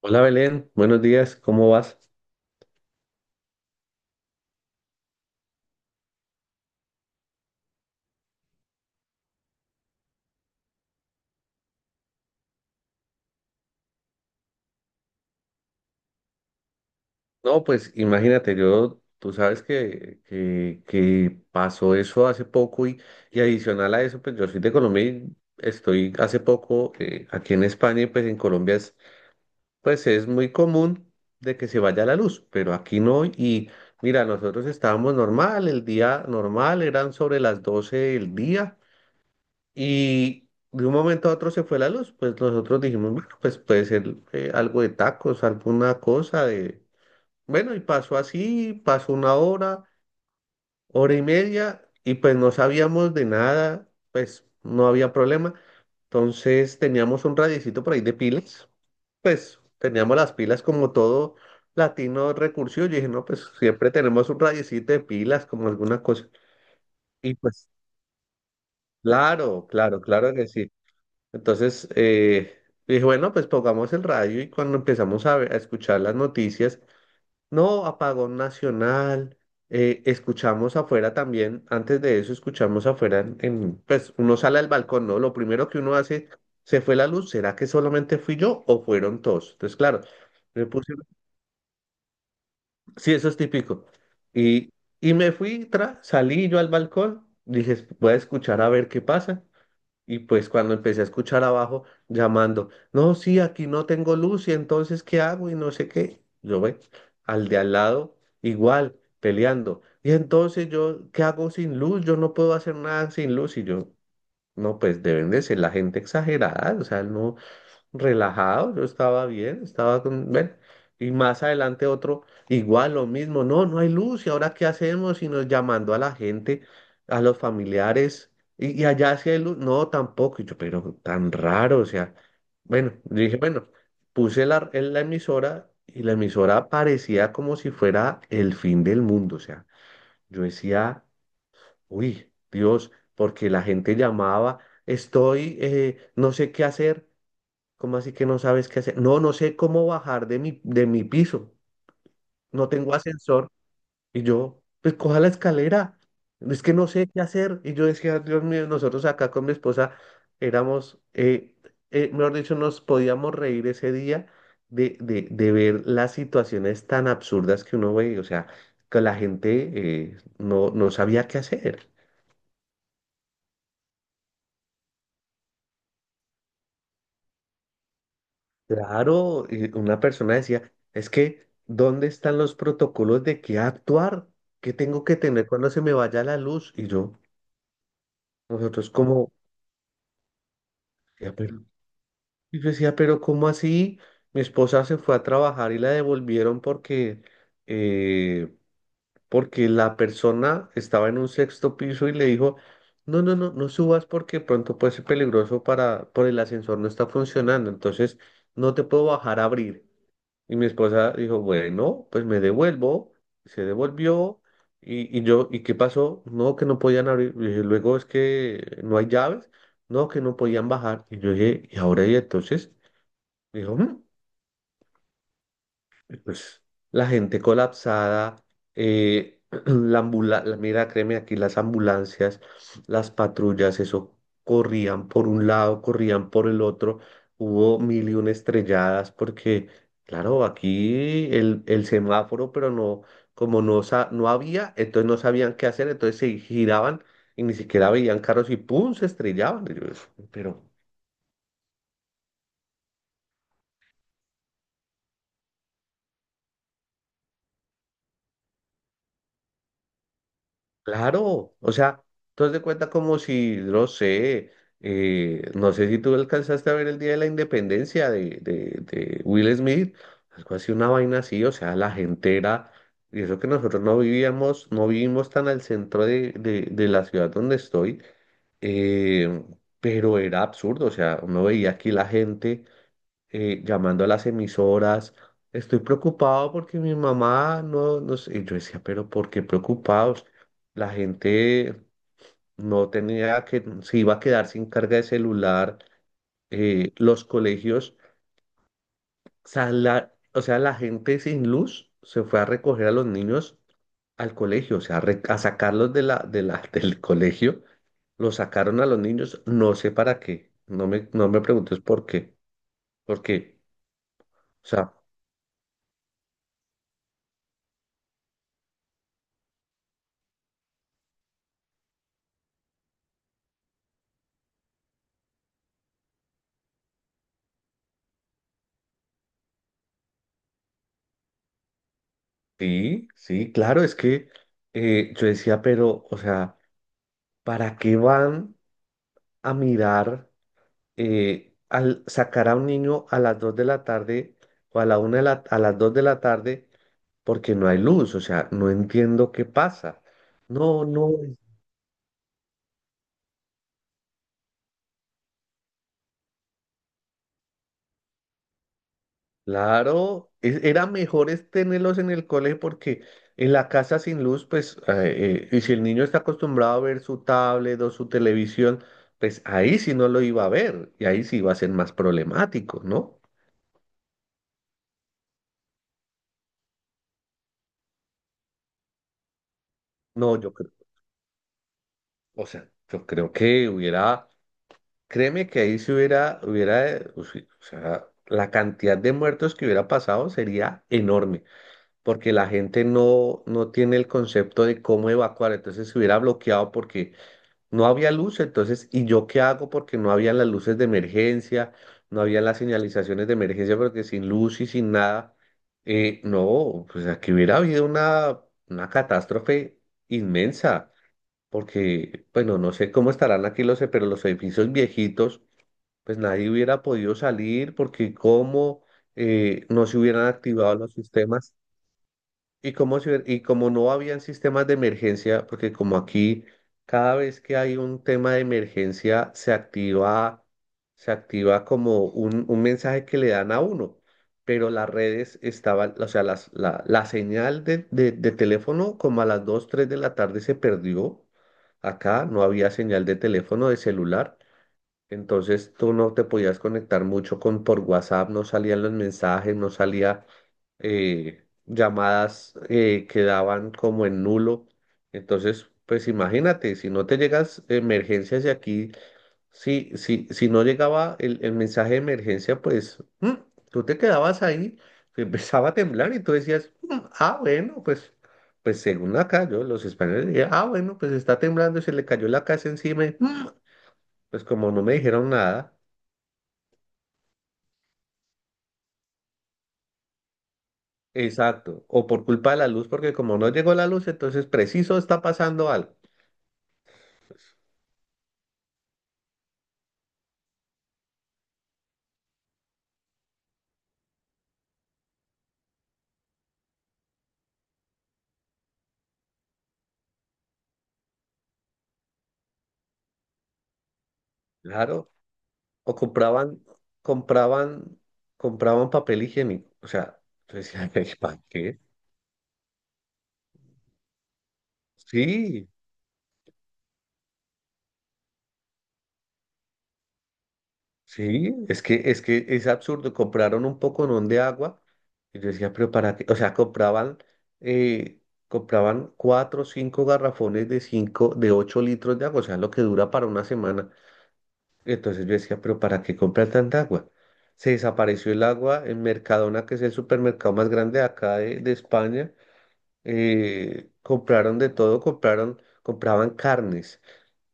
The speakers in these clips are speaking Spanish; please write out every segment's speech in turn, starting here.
Hola Belén, buenos días, ¿cómo vas? No, pues imagínate, yo, tú sabes que pasó eso hace poco y adicional a eso, pues yo soy de Colombia y estoy hace poco aquí en España y pues en Colombia pues es muy común de que se vaya la luz, pero aquí no y mira, nosotros estábamos normal, el día normal eran sobre las 12 del día. Y de un momento a otro se fue la luz, pues nosotros dijimos, bueno, pues puede ser algo de tacos, alguna cosa de. Bueno, y pasó así, pasó una hora, hora y media, y pues no sabíamos de nada, pues no había problema. Entonces teníamos un radiecito por ahí de pilas, pues teníamos las pilas como todo latino recursivo. Yo dije, no, pues siempre tenemos un radiecito de pilas como alguna cosa. Y pues, claro, claro, claro que sí. Entonces, dije, bueno, pues pongamos el radio y cuando empezamos a escuchar las noticias, no, apagón nacional, escuchamos afuera también, antes de eso escuchamos afuera, pues uno sale al balcón, ¿no? Lo primero que uno hace, se fue la luz, ¿será que solamente fui yo o fueron todos? Entonces, claro, me puse, sí, eso es típico. Y, y me fui, salí yo al balcón, dije, voy a escuchar a ver qué pasa. Y pues cuando empecé a escuchar abajo llamando, no, sí, aquí no tengo luz y entonces ¿qué hago? Y no sé qué. Yo ve al de al lado igual peleando. Y entonces yo, ¿qué hago sin luz? Yo no puedo hacer nada sin luz. Y yo, no, pues deben de ser la gente exagerada. O sea, no, relajado, yo estaba bien, estaba con, ven, y más adelante otro, igual lo mismo, no, no hay luz, ¿y ahora qué hacemos? Y nos llamando a la gente, a los familiares, y allá sí hay luz, no, tampoco, y yo, pero tan raro, o sea, bueno, yo dije, bueno, puse la, en la emisora y la emisora parecía como si fuera el fin del mundo, o sea, yo decía, uy, Dios, porque la gente llamaba, estoy, no sé qué hacer. ¿Cómo así que no sabes qué hacer? No, no sé cómo bajar de mi piso. No tengo ascensor. Y yo, pues coja la escalera. Es que no sé qué hacer. Y yo decía, Dios mío, nosotros acá con mi esposa éramos, mejor dicho, nos podíamos reír ese día de ver las situaciones tan absurdas que uno ve. O sea, que la gente no sabía qué hacer. Claro, y una persona decía, es que, ¿dónde están los protocolos de qué actuar? ¿Qué tengo que tener cuando se me vaya la luz? Y yo, nosotros como, decía, pero, y yo decía, pero ¿cómo así? Mi esposa se fue a trabajar y la devolvieron porque, eh, porque la persona estaba en un sexto piso y le dijo, no, no, no, no subas porque pronto puede ser peligroso para, por el ascensor no está funcionando, entonces no te puedo bajar a abrir. Y mi esposa dijo, bueno, pues me devuelvo. Se devolvió. Y yo, ¿y qué pasó? No, que no podían abrir. Y dije, luego es que no hay llaves. No, que no podían bajar. Y yo dije, ¿y ahora y entonces? Dijo, "Mm", pues la gente colapsada, mira, créeme aquí, las ambulancias, las patrullas, eso corrían por un lado, corrían por el otro, hubo mil y una estrelladas porque, claro, aquí el semáforo, pero no, como no, no había, entonces no sabían qué hacer, entonces se giraban y ni siquiera veían carros y ¡pum! Se estrellaban. Y yo, pero. Claro, o sea, tú haz de cuenta como si, no sé, no sé si tú alcanzaste a ver el Día de la Independencia de Will Smith, algo así, una vaina así, o sea, la gente era, y eso que nosotros no vivimos tan al centro de la ciudad donde estoy, eh, pero era absurdo, o sea, uno veía aquí la gente llamando a las emisoras. Estoy preocupado porque mi mamá no, no sé. Y yo decía, pero ¿por qué preocupados? La gente no tenía que, se iba a quedar sin carga de celular. Los colegios, o sea, la gente sin luz se fue a recoger a los niños al colegio, o sea, a sacarlos del colegio. Los sacaron a los niños, no sé para qué. No me preguntes por qué. Porque, o sea. Sí, sí, claro, es que yo decía, pero, o sea, ¿para qué van a mirar al sacar a un niño a las 2 de la tarde o a la una de la, a las 2 de la tarde porque no hay luz? O sea, no entiendo qué pasa. No, no. Claro, era mejor es tenerlos en el colegio porque en la casa sin luz, pues, y si el niño está acostumbrado a ver su tablet o su televisión, pues ahí sí no lo iba a ver y ahí sí iba a ser más problemático, ¿no? No, yo creo, o sea, yo creo que hubiera, créeme que ahí si hubiera, o si- o sea, la cantidad de muertos que hubiera pasado sería enorme porque la gente no tiene el concepto de cómo evacuar, entonces se hubiera bloqueado porque no había luz, entonces, ¿y yo qué hago? Porque no habían las luces de emergencia, no habían las señalizaciones de emergencia, porque sin luz y sin nada, no, pues aquí hubiera habido una catástrofe inmensa, porque, bueno, no sé cómo estarán aquí pero los edificios viejitos, pues nadie hubiera podido salir, porque cómo no se hubieran activado los sistemas. Y como, y como no habían sistemas de emergencia, porque como aquí cada vez que hay un tema de emergencia se activa como un mensaje que le dan a uno, pero las redes estaban, o sea, la señal de teléfono como a las 2 3 de la tarde se perdió. Acá no había señal de teléfono, de celular. Entonces tú no te podías conectar mucho con por WhatsApp, no salían los mensajes, no salía llamadas quedaban como en nulo. Entonces, pues imagínate, si no te llegas emergencias y aquí, si no llegaba el mensaje de emergencia, pues tú te quedabas ahí, te empezaba a temblar y tú decías, "Mm, ah, bueno, pues, pues según acá, yo, los españoles dirían, ah, bueno, pues está temblando, se le cayó la casa encima, y, Mm, pues como no me dijeron nada". Exacto, o por culpa de la luz, porque como no llegó la luz, entonces preciso está pasando algo. Claro, o compraban, compraban papel higiénico. O sea, yo decía, ¿para qué? Sí, sí, es que, es absurdo. Compraron un poconón de agua y yo decía, pero para qué, o sea, compraban, eh, compraban cuatro o cinco garrafones de 8 litros de agua, o sea, lo que dura para una semana. Entonces yo decía, pero ¿para qué comprar tanta agua? Se desapareció el agua en Mercadona, que es el supermercado más grande de acá de España. Compraron de todo, compraban carnes.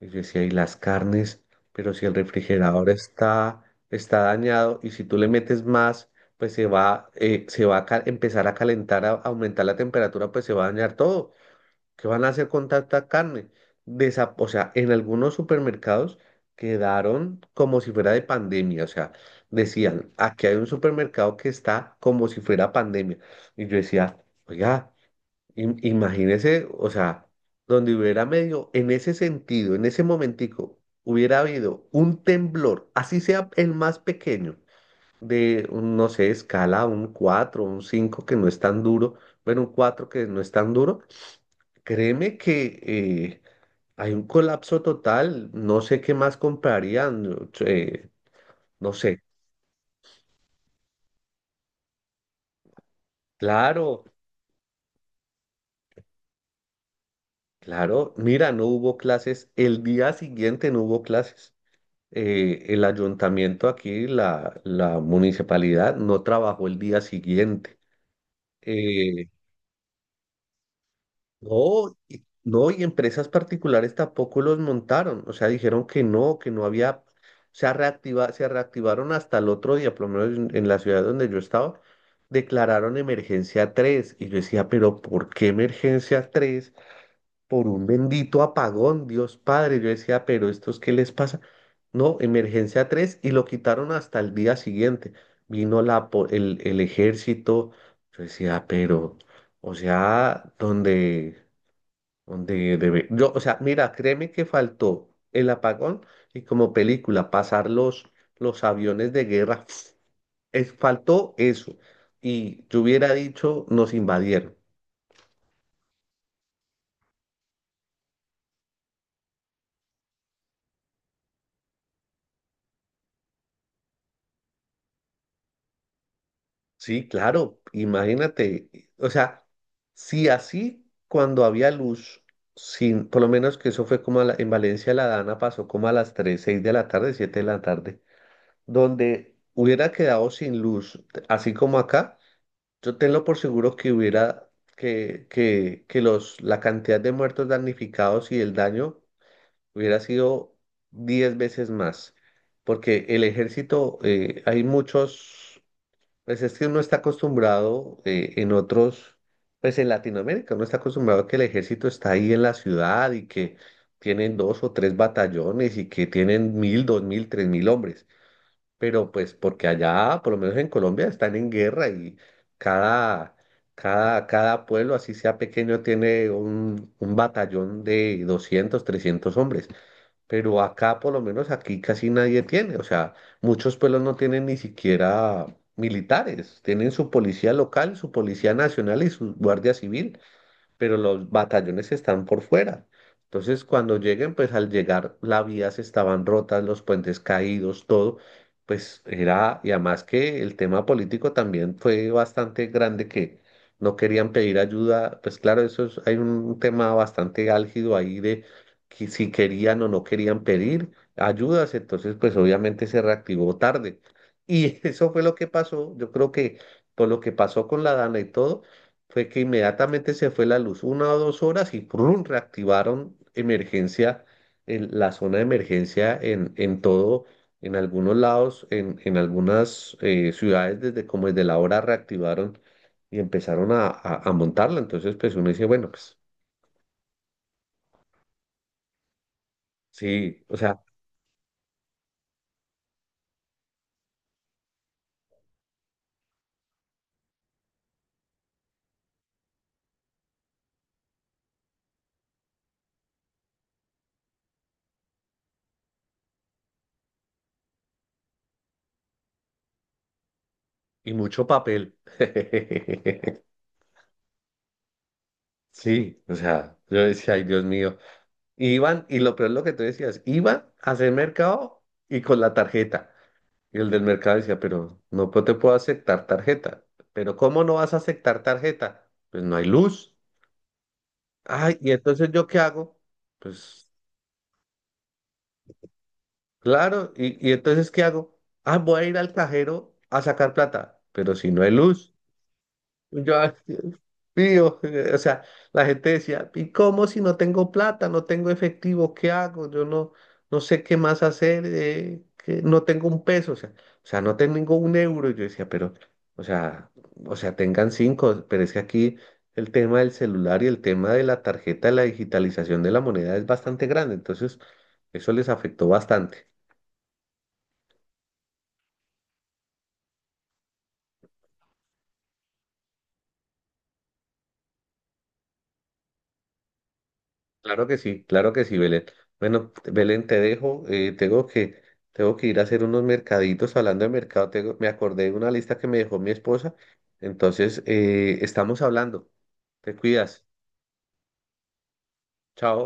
Y yo decía, ¿y las carnes? Pero si el refrigerador está dañado y si tú le metes más, pues se va a ca- empezar a calentar, a aumentar la temperatura, pues se va a dañar todo. ¿Qué van a hacer con tanta carne? O sea, en algunos supermercados quedaron como si fuera de pandemia. O sea, decían, aquí hay un supermercado que está como si fuera pandemia. Y yo decía, oiga. Imagínese, o sea, donde hubiera medio, en ese sentido, en ese momentico, hubiera habido un temblor, así sea el más pequeño, de, un, no sé, escala, un 4, un 5 que no es tan duro, bueno, un 4 que no es tan duro, créeme que hay un colapso total, no sé qué más comprarían, no no sé, claro, claro, mira, no hubo clases, el día siguiente no hubo clases. El ayuntamiento aquí, la municipalidad, no trabajó el día siguiente. Eh, no, y empresas particulares tampoco los montaron. O sea, dijeron que no había, se reactivaron hasta el otro día, por lo menos en, la ciudad donde yo estaba, declararon emergencia 3. Y yo decía, pero ¿por qué emergencia 3 por un bendito apagón, Dios Padre? Yo decía, pero ¿estos qué les pasa? No, emergencia 3 y lo quitaron hasta el día siguiente. Vino el ejército. Yo decía, pero, o sea, donde debe. Yo, o sea, mira, créeme que faltó el apagón y como película, pasar los aviones de guerra. Es, faltó eso. Y yo hubiera dicho, nos invadieron. Sí, claro, imagínate, o sea, si así cuando había luz, sin, por lo menos que eso fue como en Valencia la Dana pasó como a las 3, 6 de la tarde, 7 de la tarde, donde hubiera quedado sin luz, así como acá, yo tengo por seguro que hubiera, que la cantidad de muertos damnificados y el daño hubiera sido 10 veces más, porque el ejército, hay muchos... Pues es que uno está acostumbrado en otros, pues en Latinoamérica, uno está acostumbrado que el ejército está ahí en la ciudad y que tienen dos o tres batallones y que tienen 1.000, 2.000, 3.000 hombres. Pero pues porque allá, por lo menos en Colombia, están en guerra y cada, cada pueblo, así sea pequeño, tiene un batallón de 200, 300 hombres, pero acá, por lo menos aquí casi nadie tiene, o sea, muchos pueblos no tienen ni siquiera militares, tienen su policía local, su policía nacional y su guardia civil, pero los batallones están por fuera. Entonces, cuando lleguen, pues al llegar, las vías estaban rotas, los puentes caídos, todo, pues era, y además que el tema político también fue bastante grande, que no querían pedir ayuda, pues claro, eso es, hay un tema bastante álgido ahí de que si querían o no querían pedir ayudas, entonces pues obviamente se reactivó tarde. Y eso fue lo que pasó, yo creo que por lo que pasó con la Dana y todo, fue que inmediatamente se fue la luz, 1 o 2 horas y ¡prum! Reactivaron emergencia, en la zona de emergencia, en todo, en algunos lados, en algunas ciudades, desde como desde la hora reactivaron y empezaron a montarla. Entonces, pues uno dice, bueno, pues sí, o sea, y mucho papel. Sí, o sea, yo decía, ay, Dios mío. Iban, y lo peor es lo que tú decías, iban a hacer mercado y con la tarjeta. Y el del mercado decía, pero no te puedo aceptar tarjeta. ¿Pero cómo no vas a aceptar tarjeta? Pues no hay luz. Ay, ¿y entonces yo qué hago? Pues claro, ¿y entonces qué hago? Ah, voy a ir al cajero a sacar plata, pero si no hay luz. Yo, aquí, pío, o sea, la gente decía, ¿y cómo, si no tengo plata, no tengo efectivo, qué hago? Yo no, no sé qué más hacer, que no tengo un peso, o sea, no tengo un euro. Y yo decía, pero, o sea, o sea, tengan cinco, pero es que aquí el tema del celular y el tema de la tarjeta, la digitalización de la moneda es bastante grande, entonces eso les afectó bastante. Claro que sí, Belén. Bueno, Belén, te dejo, tengo que ir a hacer unos mercaditos. Hablando de mercado, me acordé de una lista que me dejó mi esposa. Entonces, estamos hablando. Te cuidas. Chao.